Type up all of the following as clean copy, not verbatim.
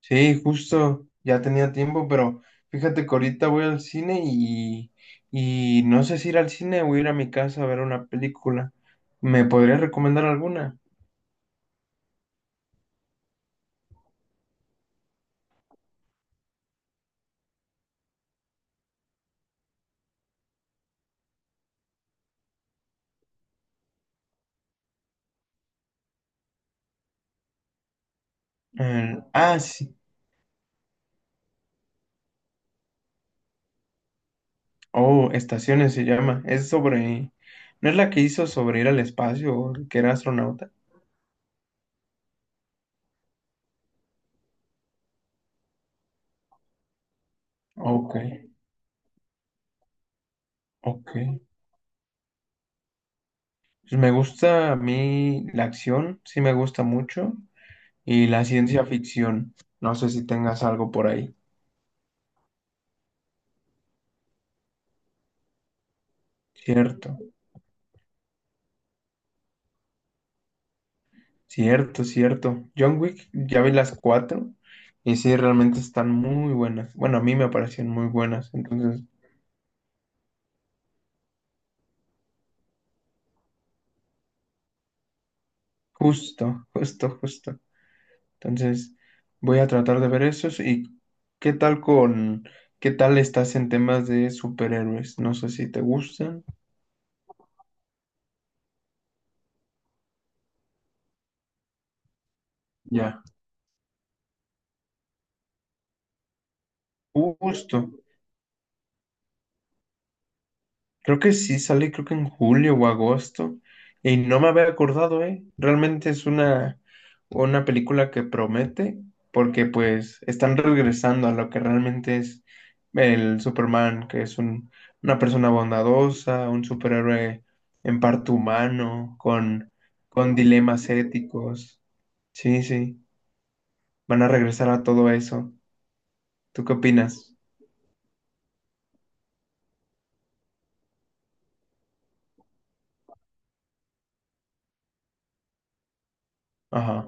Sí, justo, ya tenía tiempo, pero fíjate que ahorita voy al cine y no sé si ir al cine o ir a mi casa a ver una película. ¿Me podrías recomendar alguna? Sí. Oh, Estaciones se llama. Es sobre... ¿No es la que hizo sobre ir al espacio o que era astronauta? Ok, ok. Pues me gusta a mí la acción, sí me gusta mucho, y la ciencia ficción. No sé si tengas algo por ahí, ¿cierto? Cierto, cierto. John Wick, ya vi las cuatro y sí, realmente están muy buenas. Bueno, a mí me parecieron muy buenas. Entonces, justo, justo, justo. Entonces, voy a tratar de ver esos. ¿Y qué tal con, qué tal estás en temas de superhéroes? No sé si te gustan. Ya, justo. Creo que sí sale, creo que en julio o agosto. Y no me había acordado, ¿eh? Realmente es una película que promete, porque pues están regresando a lo que realmente es el Superman, que es una persona bondadosa, un superhéroe en parte humano, con dilemas éticos. Sí, sí, van a regresar a todo eso. ¿Tú qué opinas? Ajá,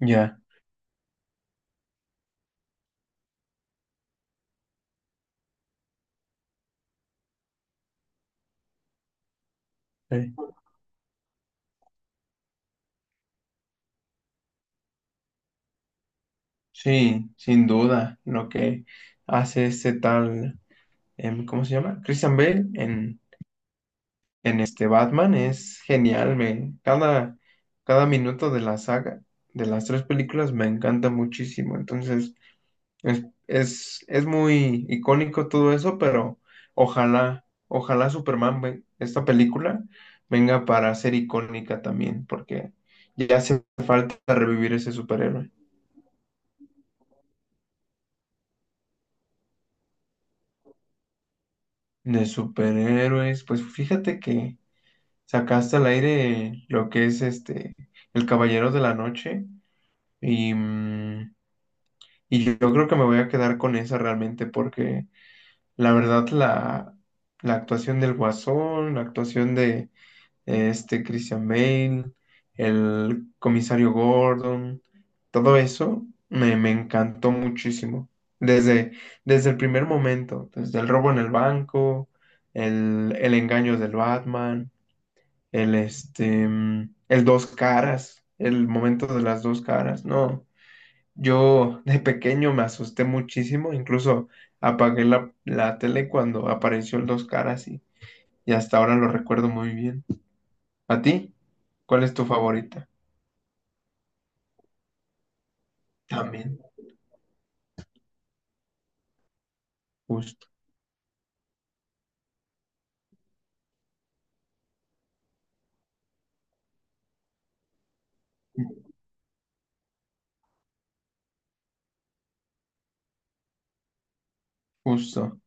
ya. eh. Sí, sin duda, lo que hace ¿cómo se llama? Christian Bale en este Batman es genial, cada minuto de la saga, de las tres películas, me encanta muchísimo, entonces es muy icónico todo eso, pero ojalá Superman, esta película, venga para ser icónica también, porque ya hace falta revivir ese superhéroe. De superhéroes, pues fíjate que... sacaste al aire lo que es este El Caballero de la Noche y, mm, y yo creo que me voy a quedar con esa realmente porque la verdad la actuación del Guasón, la actuación de este Christian Bale, el comisario Gordon, todo eso me encantó muchísimo. Desde, desde el primer momento, desde el robo en el banco, el engaño del Batman el dos caras, el momento de las dos caras. No, yo de pequeño me asusté muchísimo, incluso apagué la tele cuando apareció el dos caras y hasta ahora lo recuerdo muy bien. ¿A ti? ¿Cuál es tu favorita? También, justo, justo,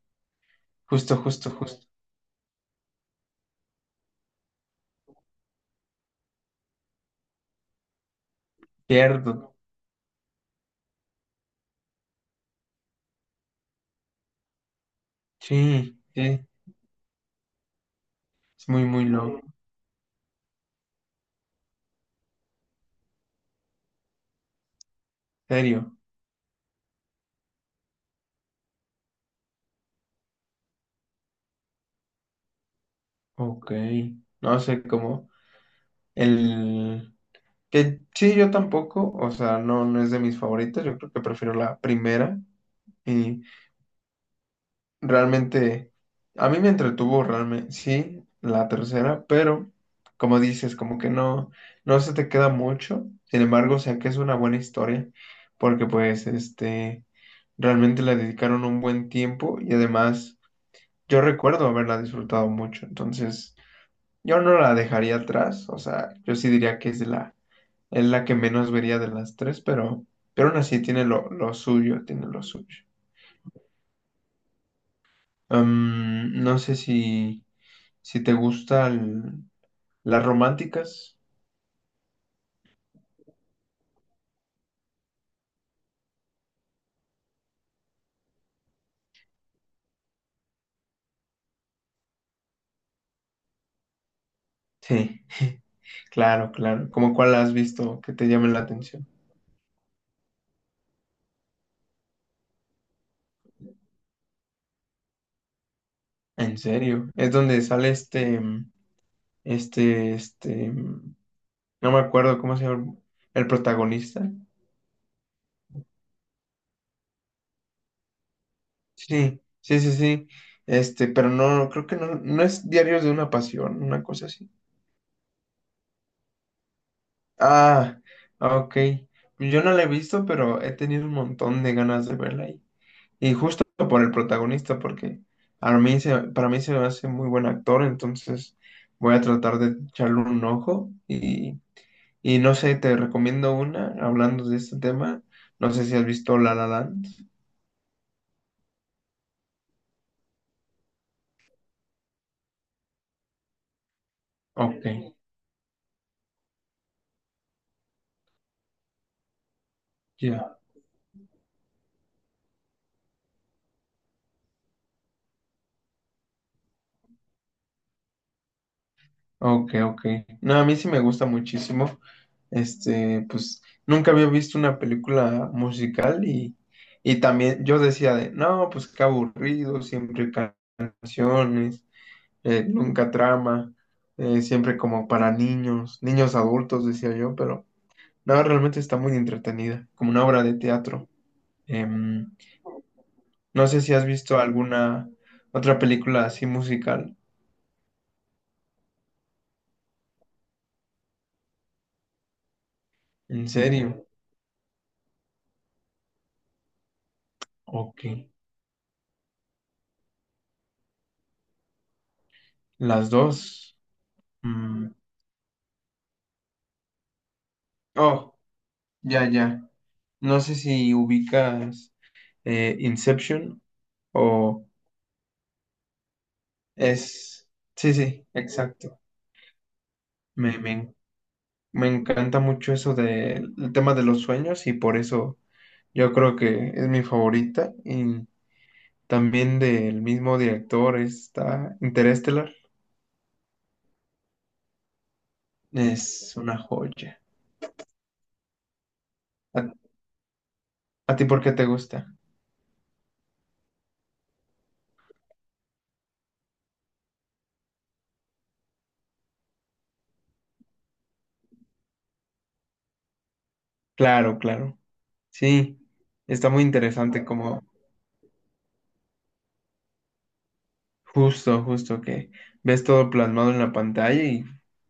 justo, justo, justo. Cierto. Sí, sí, es muy, muy loco. ¿Serio? Ok. No sé cómo. El, Que sí, yo tampoco, o sea, no, no es de mis favoritas, yo creo que prefiero la primera y realmente a mí me entretuvo realmente, sí, la tercera, pero como dices, como que no, no se te queda mucho, sin embargo, o sea, que es una buena historia, porque pues, este, realmente le dedicaron un buen tiempo y además yo recuerdo haberla disfrutado mucho, entonces yo no la dejaría atrás, o sea, yo sí diría que es de la Es la que menos vería de las tres, pero aún así tiene lo suyo, tiene lo suyo. Em, no sé si, si te gustan las románticas. Sí, claro, claro. ¿Cómo cuál has visto que te llamen la atención? En serio. Es donde sale este, este, mm, no me acuerdo cómo se llama el protagonista. Sí, sí, sí, sí. Este, pero no, creo que no es Diarios de una Pasión, una cosa así. Ah, ok. Pues yo no la he visto, pero he tenido un montón de ganas de verla ahí. Y justo por el protagonista, porque para mí se me hace muy buen actor, entonces voy a tratar de echarle un ojo. Y no sé, te recomiendo una, hablando de este tema. No sé si has visto La La Land. Ok, ya. Ok, ok. No, a mí sí me gusta muchísimo. Este, pues nunca había visto una película musical y también yo decía de, no, pues qué aburrido, siempre canciones, nunca trama, siempre como para niños, niños adultos, decía yo, pero no, realmente está muy entretenida, como una obra de teatro. Em, no sé si has visto alguna otra película así musical, en serio, ok, las dos. Mm. Oh, ya, ya. No sé si ubicas Inception o es... Sí, sí, exacto. Me, me, me encanta mucho eso del el tema de los sueños y por eso yo creo que es mi favorita. Y también del mismo director está Interstellar. Es una joya. ¿A, a ti por qué te gusta? Claro, claro. Sí, está muy interesante como... Justo, justo que ves todo plasmado en la pantalla y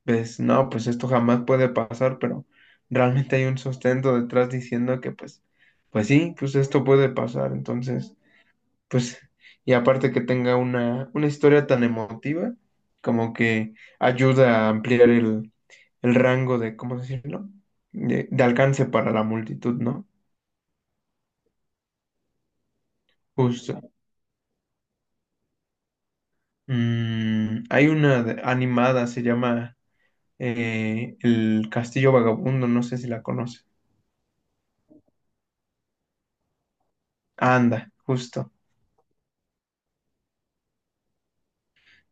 ves, no, pues esto jamás puede pasar, pero realmente hay un sustento detrás diciendo que pues, pues sí, pues esto puede pasar. Entonces, pues, y aparte que tenga una historia tan emotiva, como que ayuda a ampliar el rango de, ¿cómo decirlo? De alcance para la multitud, ¿no? Justo. Mm, hay una animada, se llama el Castillo Vagabundo, no sé si la conoces. Anda, justo.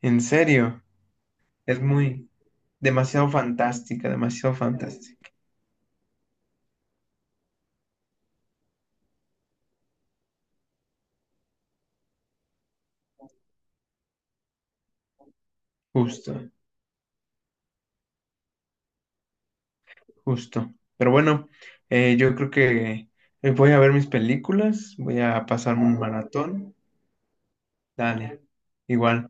En serio, es muy, demasiado fantástica, demasiado fantástica. Justo, justo. Pero bueno, yo creo que voy a ver mis películas, voy a pasarme un maratón. Dale, igual.